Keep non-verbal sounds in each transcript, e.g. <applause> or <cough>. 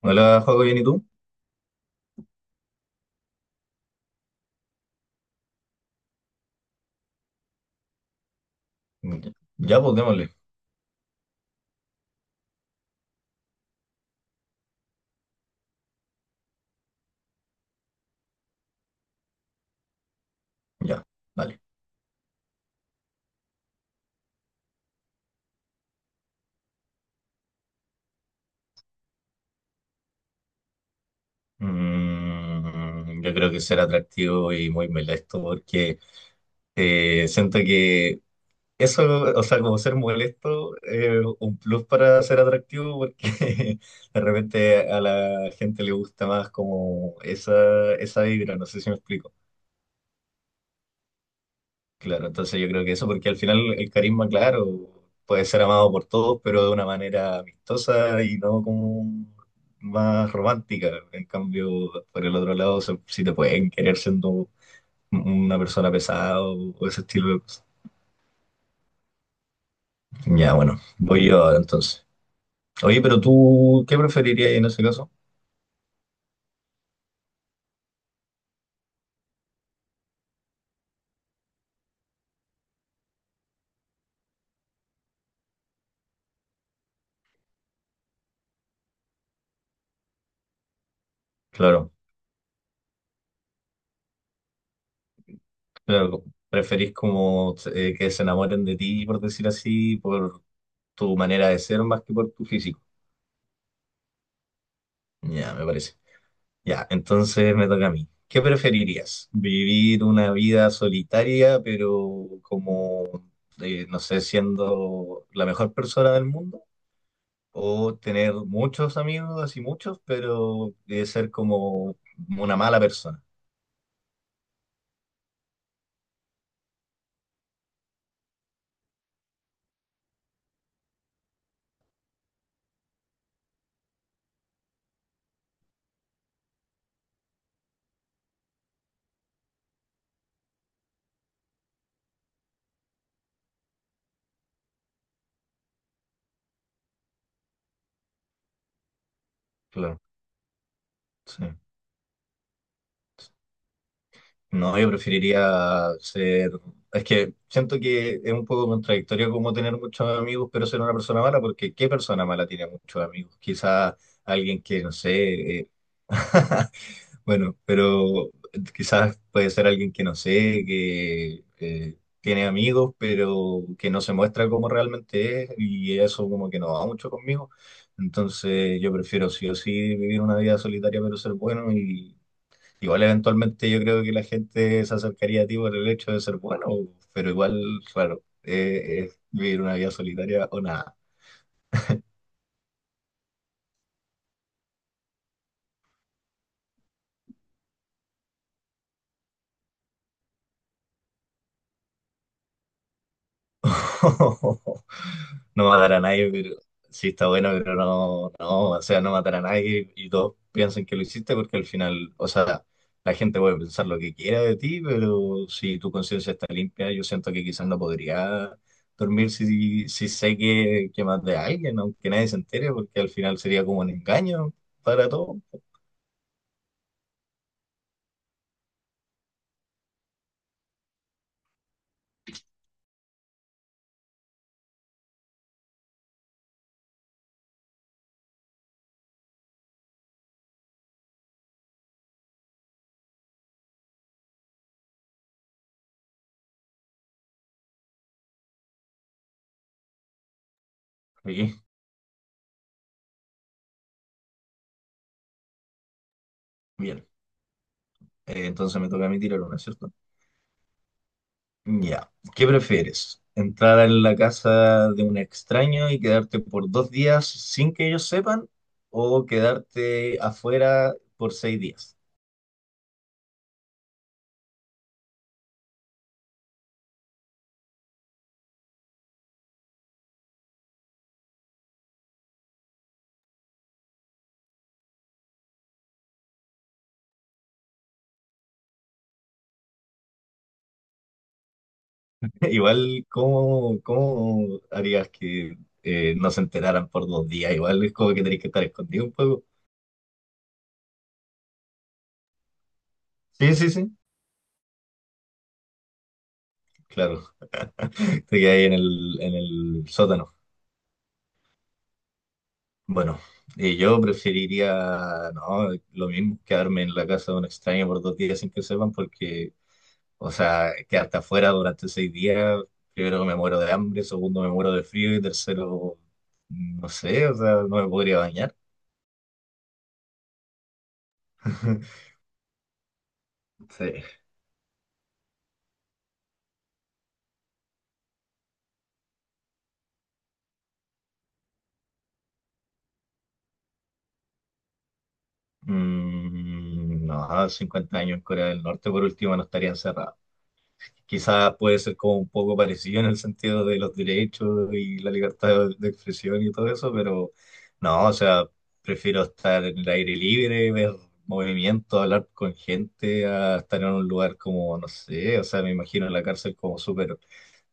Hola, juego bien, ¿y tú? Ya, ya, pues démosle. Ya, vale. Yo creo que será atractivo y muy molesto porque siento que eso, o sea, como ser molesto es un plus para ser atractivo porque <laughs> de repente a la gente le gusta más como esa vibra, no sé si me explico. Claro, entonces yo creo que eso, porque al final el carisma, claro, puede ser amado por todos, pero de una manera amistosa y no como más romántica. En cambio, por el otro lado, si te pueden querer siendo una persona pesada o ese estilo de cosas. Ya, bueno, voy yo ahora entonces. Oye, pero tú, ¿qué preferirías en ese caso? Claro, claro, preferís como que se enamoren de ti, por decir así, por tu manera de ser más que por tu físico. Ya, me parece. Ya, entonces me toca a mí. ¿Qué preferirías? ¿Vivir una vida solitaria, pero como, no sé, siendo la mejor persona del mundo? ¿O tener muchos amigos, así muchos, pero ser como una mala persona? Claro, sí. No, yo preferiría ser... Es que siento que es un poco contradictorio como tener muchos amigos, pero ser una persona mala, porque ¿qué persona mala tiene muchos amigos? Quizá alguien que, no sé... eh, <laughs> Bueno, pero quizás puede ser alguien que no sé, que tiene amigos, pero que no se muestra como realmente es y eso como que no va mucho conmigo. Entonces yo prefiero sí o sí vivir una vida solitaria pero ser bueno y igual eventualmente yo creo que la gente se acercaría a ti por el hecho de ser bueno, pero igual, claro, es vivir una vida solitaria o nada. <laughs> No matar a nadie, pero sí está bueno, pero no, no, o sea, no matar a nadie y todos piensan que lo hiciste porque al final, o sea, la gente puede pensar lo que quiera de ti, pero si tu conciencia está limpia, yo siento que quizás no podría dormir si sé que maté a alguien, aunque nadie se entere, porque al final sería como un engaño para todos. Y, bien, entonces me toca a mí tirar una, ¿cierto? Ya, ¿qué prefieres? ¿Entrar en la casa de un extraño y quedarte por 2 días sin que ellos sepan? ¿O quedarte afuera por 6 días? <laughs> Igual, ¿cómo harías que no se enteraran por 2 días? Igual es como que tenés que estar escondido un poco. Sí, sí, sí, claro. <laughs> Te quedas ahí en el sótano. Bueno, yo preferiría, no, lo mismo, quedarme en la casa de un extraño por 2 días sin que sepan porque o sea, que hasta afuera durante 6 días, primero me muero de hambre, segundo me muero de frío y tercero, no sé, o sea, no me podría bañar. <laughs> Sí. No, 50 años en Corea del Norte por último no estaría encerrado. Quizás puede ser como un poco parecido en el sentido de los derechos y la libertad de expresión y todo eso, pero no, o sea, prefiero estar en el aire libre, ver movimiento, hablar con gente, a estar en un lugar como, no sé, o sea, me imagino la cárcel como súper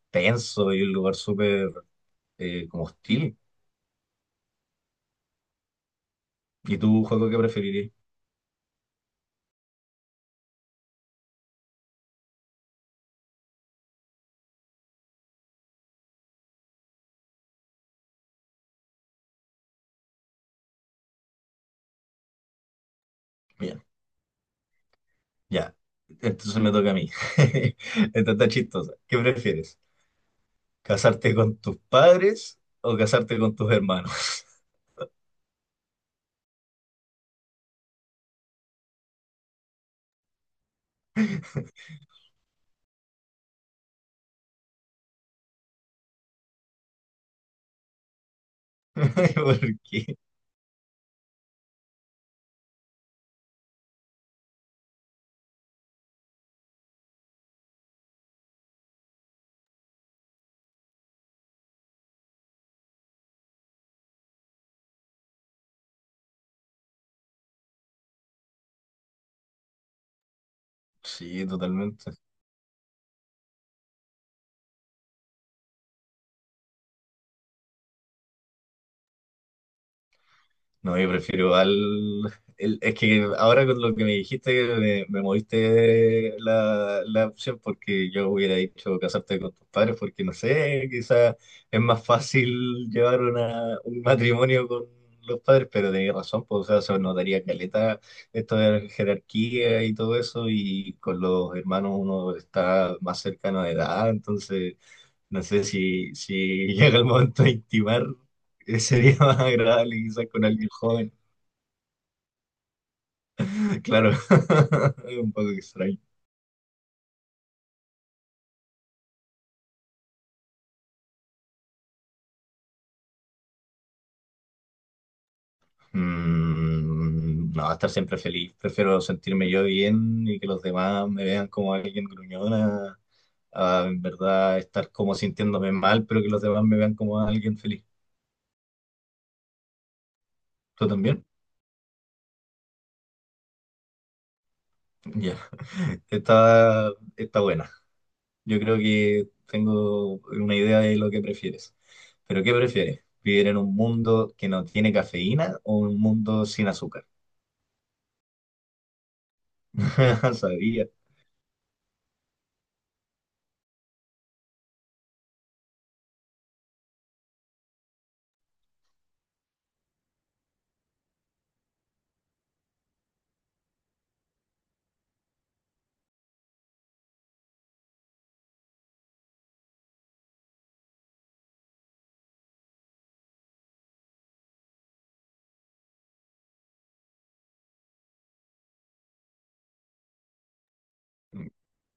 tenso y un lugar súper como hostil. ¿Y tú, Juego, qué preferirías? Bien, ya. Entonces me toca a mí. <laughs> Esta está chistosa. ¿Qué prefieres? ¿Casarte con tus padres o casarte con tus hermanos? <laughs> ¿Por qué? Sí, totalmente. No, yo prefiero al... es que ahora con lo que me dijiste me moviste la opción porque yo hubiera dicho casarte con tus padres porque no sé, quizás es más fácil llevar una, un matrimonio con los padres, pero tenías razón, pues, o sea, se notaría caleta esto de la jerarquía y todo eso y con los hermanos uno está más cercano de edad, entonces... No sé si llega el momento de intimar, sería <laughs> más agradable quizás con alguien joven. Claro, <laughs> es un poco extraño. No, estar siempre feliz. Prefiero sentirme yo bien y que los demás me vean como alguien gruñona, a, en verdad estar como sintiéndome mal, pero que los demás me vean como alguien feliz. ¿Tú también? Ya, está, está buena. Yo creo que tengo una idea de lo que prefieres. Pero ¿qué prefieres? ¿Vivir en un mundo que no tiene cafeína o un mundo sin azúcar? <laughs> Sabía.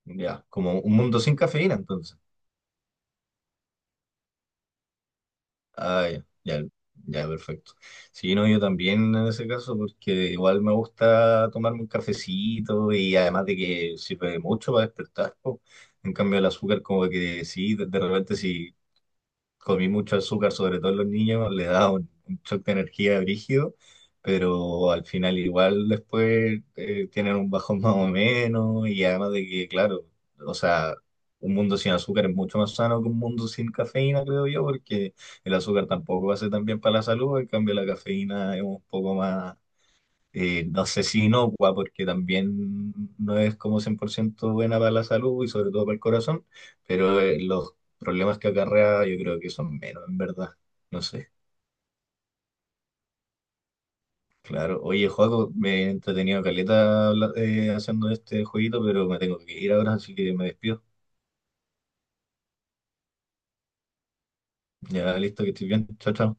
Ya, como un mundo sin cafeína, entonces. Ah, ya, ya, ya, perfecto. Sí, no, yo también en ese caso, porque igual me gusta tomarme un cafecito y además de que sirve mucho para despertar, po. En cambio, el azúcar, como que sí, de repente, si comí mucho azúcar, sobre todo en los niños, le da un shock de energía brígido, pero al final igual después tienen un bajón <laughs> más o menos y además de que, claro, o sea, un mundo sin azúcar es mucho más sano que un mundo sin cafeína, creo yo, porque el azúcar tampoco hace tan bien para la salud, en cambio la cafeína es un poco más no sé si inocua, porque también no es como 100% buena para la salud y sobre todo para el corazón, pero los problemas que acarrea yo creo que son menos, en verdad. No sé, claro. Oye, Joaco, me he entretenido caleta haciendo este jueguito, pero me tengo que ir ahora, así que me despido. Ya listo, que estoy bien. Chao, chao.